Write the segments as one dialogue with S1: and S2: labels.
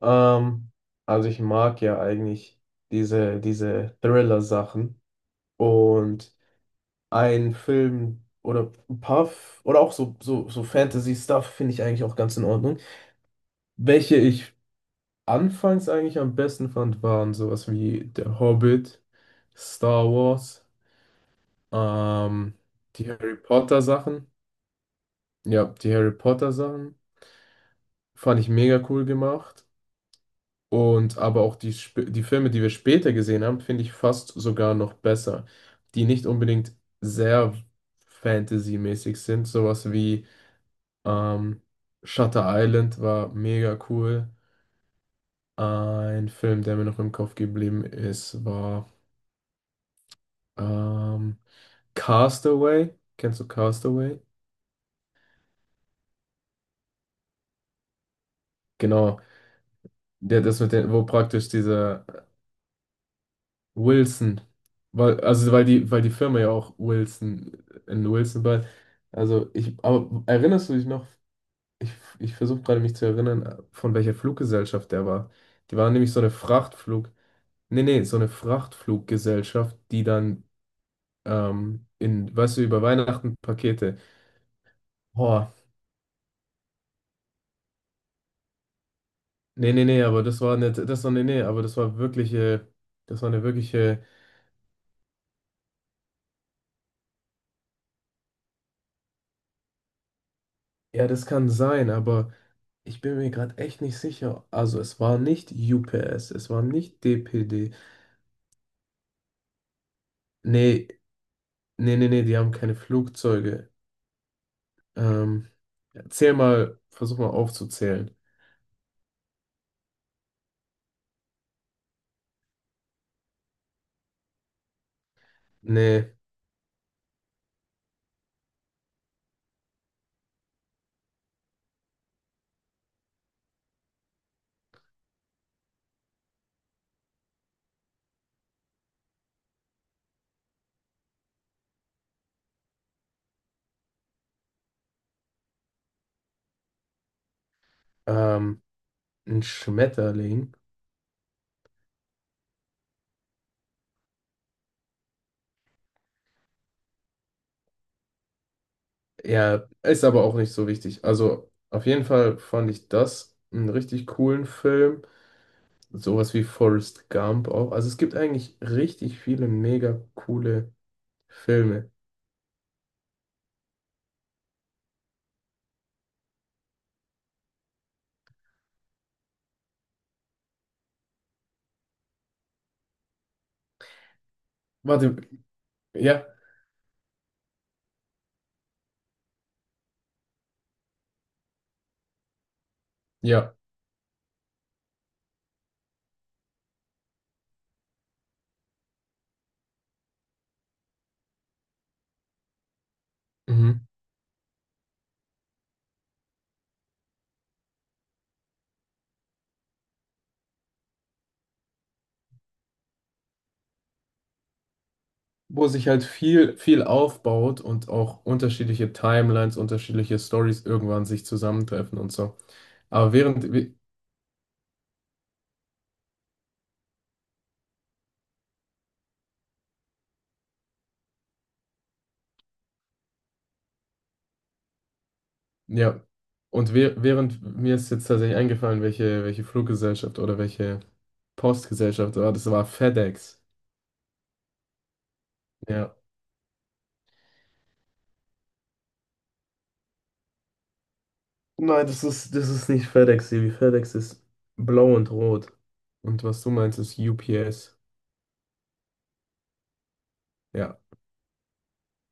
S1: Ähm, also ich mag ja eigentlich diese Thriller-Sachen. Und ein Film oder ein paar oder auch so Fantasy-Stuff finde ich eigentlich auch ganz in Ordnung. Welche ich anfangs eigentlich am besten fand, waren sowas wie Der Hobbit, Star Wars, ähm, die Harry Potter-Sachen. Ja, die Harry Potter-Sachen fand ich mega cool gemacht. Und aber auch die Filme, die wir später gesehen haben, finde ich fast sogar noch besser, die nicht unbedingt sehr Fantasy-mäßig sind. Sowas wie ähm, Shutter Island war mega cool. Ein Film, der mir noch im Kopf geblieben ist, war ähm, Castaway. Kennst du Castaway? Genau. Der das mit den, wo praktisch dieser Wilson. Weil, also weil die Firma ja auch Wilson in Wilson bei. Also ich, aber erinnerst du dich noch? Ich, ich versuche gerade mich zu erinnern, von welcher Fluggesellschaft der war. Die waren nämlich so eine Frachtflug. Nee, nee, so eine Frachtfluggesellschaft, die dann weißt du, über Weihnachten Pakete. Boah, nee, nee, nee, aber das war nicht, nee, nee, aber das war eine wirkliche, ja, das kann sein, aber. Ich bin mir gerade echt nicht sicher. Also es war nicht UPS, es war nicht DPD. Nee, nee, nee, nee, die haben keine Flugzeuge. Ähm, Zähl mal, versuch mal aufzuzählen. Nee, ähm, ein Schmetterling. Ja, ist aber auch nicht so wichtig. Also auf jeden Fall fand ich das einen richtig coolen Film. Sowas wie Forrest Gump auch. Also es gibt eigentlich richtig viele mega coole Filme. Warte, ja, ja. Mhm. Wo sich halt viel, viel aufbaut und auch unterschiedliche Timelines, unterschiedliche Stories irgendwann sich zusammentreffen und so. Aber während, we- ja, während mir ist jetzt tatsächlich eingefallen, welche Fluggesellschaft oder welche Postgesellschaft war, das war FedEx. Ja. Nein, das ist nicht FedEx, Sebi. FedEx ist blau und rot. Und was du meinst, ist UPS. Ja,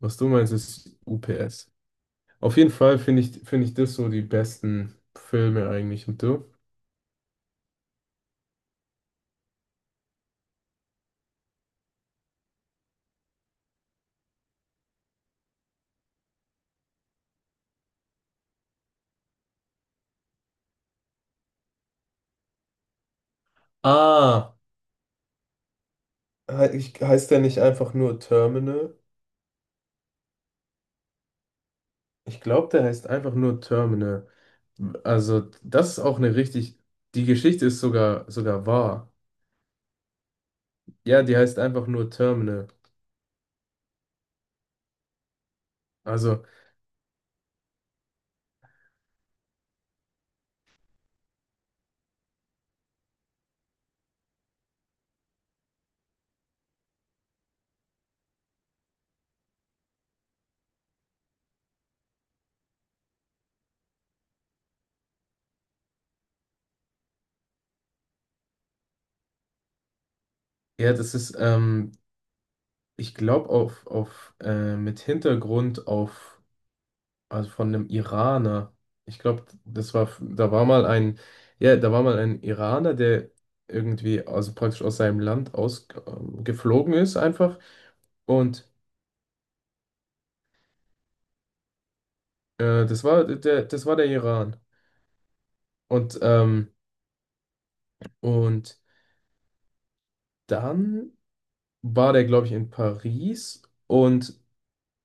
S1: was du meinst, ist UPS. Auf jeden Fall finde ich das so die besten Filme eigentlich. Und du? Ah, heißt der nicht einfach nur Terminal? Ich glaube, der heißt einfach nur Terminal. Also, das ist auch eine richtig. Die Geschichte ist sogar wahr. Ja, die heißt einfach nur Terminal. Also, ja, ich glaube, mit Hintergrund auf, also von einem Iraner. Ich glaube, da war mal ein, ja, da war mal ein Iraner, der irgendwie, also praktisch aus seinem Land ausgeflogen ist einfach. Und das war der Iran. Und, ähm, und dann war der, glaube ich, in Paris und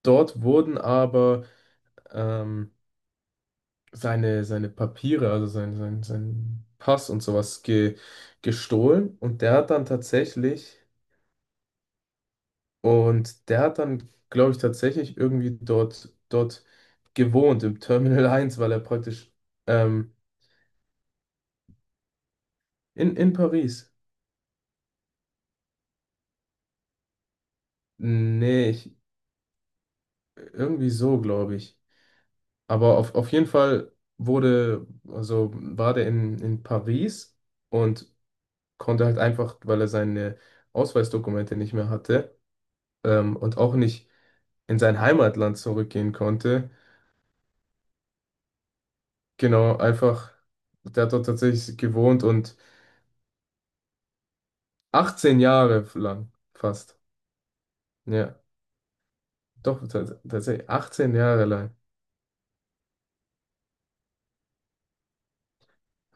S1: dort wurden aber ähm, seine Papiere, also sein Pass und sowas gestohlen. Und der hat dann, glaube ich, tatsächlich irgendwie dort gewohnt, im Terminal 1, weil er praktisch ähm, in Paris. Nee, ich, irgendwie so, glaube ich. Aber auf jeden Fall wurde, also war der in Paris und konnte halt einfach, weil er seine Ausweisdokumente nicht mehr hatte, und auch nicht in sein Heimatland zurückgehen konnte, genau, einfach, der hat dort tatsächlich gewohnt und 18 Jahre lang fast. Ja, doch, tatsächlich 18 Jahre lang.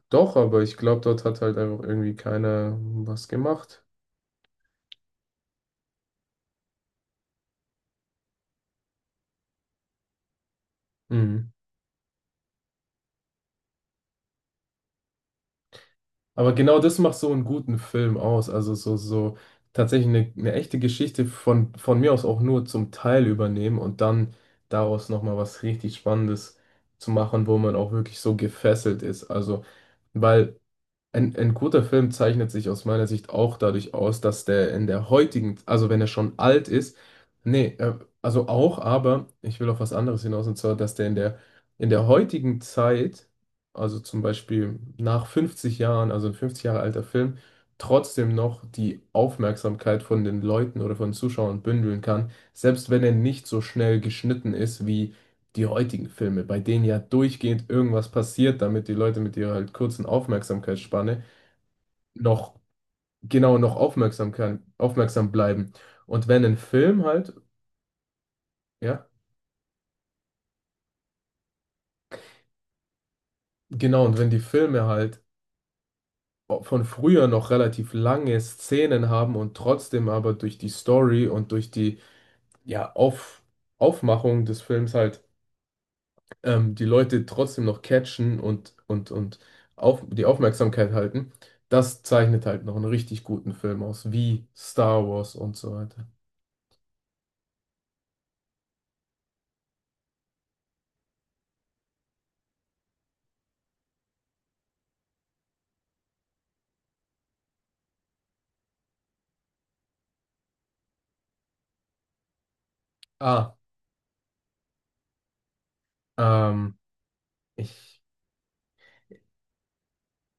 S1: Doch, aber ich glaube, dort hat halt einfach irgendwie keiner was gemacht. Mhm. Aber genau das macht so einen guten Film aus. Also so tatsächlich eine echte Geschichte von mir aus auch nur zum Teil übernehmen und dann daraus nochmal was richtig Spannendes zu machen, wo man auch wirklich so gefesselt ist. Also, weil ein guter Film zeichnet sich aus meiner Sicht auch dadurch aus, dass der in der heutigen, also wenn er schon alt ist, nee, also auch, aber ich will auf was anderes hinaus, und zwar, dass der in der heutigen Zeit, also zum Beispiel nach 50 Jahren, also ein 50 Jahre alter Film, trotzdem noch die Aufmerksamkeit von den Leuten oder von Zuschauern bündeln kann, selbst wenn er nicht so schnell geschnitten ist wie die heutigen Filme, bei denen ja durchgehend irgendwas passiert, damit die Leute mit ihrer halt kurzen Aufmerksamkeitsspanne noch genau noch aufmerksam kann, aufmerksam bleiben. Und wenn ein Film halt, ja, genau, und wenn die Filme halt von früher noch relativ lange Szenen haben und trotzdem aber durch die Story und durch die ja, Aufmachung des Films halt die Leute trotzdem noch catchen und die Aufmerksamkeit halten, das zeichnet halt noch einen richtig guten Film aus, wie Star Wars und so weiter. Ah, ähm, ich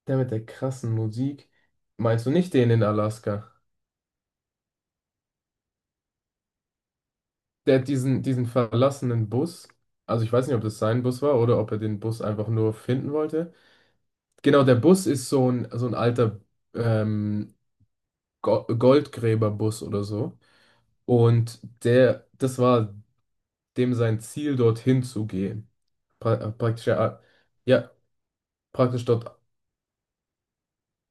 S1: Der mit der krassen Musik. Meinst du nicht den in Alaska? Der hat diesen verlassenen Bus. Also ich weiß nicht, ob das sein Bus war oder ob er den Bus einfach nur finden wollte. Genau, der Bus ist so ein alter ähm, Goldgräberbus oder so. Und der, das war dem sein Ziel, dorthin zu gehen. Praktisch, ja, ja, praktisch dort.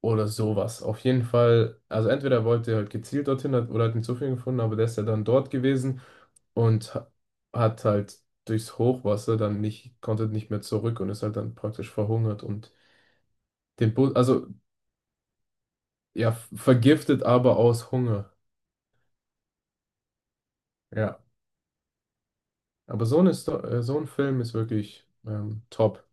S1: Oder sowas. Auf jeden Fall, also entweder wollte er halt gezielt dorthin hat, oder hat einen Zufall gefunden, aber der ist ja dann dort gewesen und hat halt durchs Hochwasser dann nicht, konnte nicht mehr zurück und ist halt dann praktisch verhungert und den Bu also ja, vergiftet, aber aus Hunger. Ja. Aber so ein Film ist wirklich top.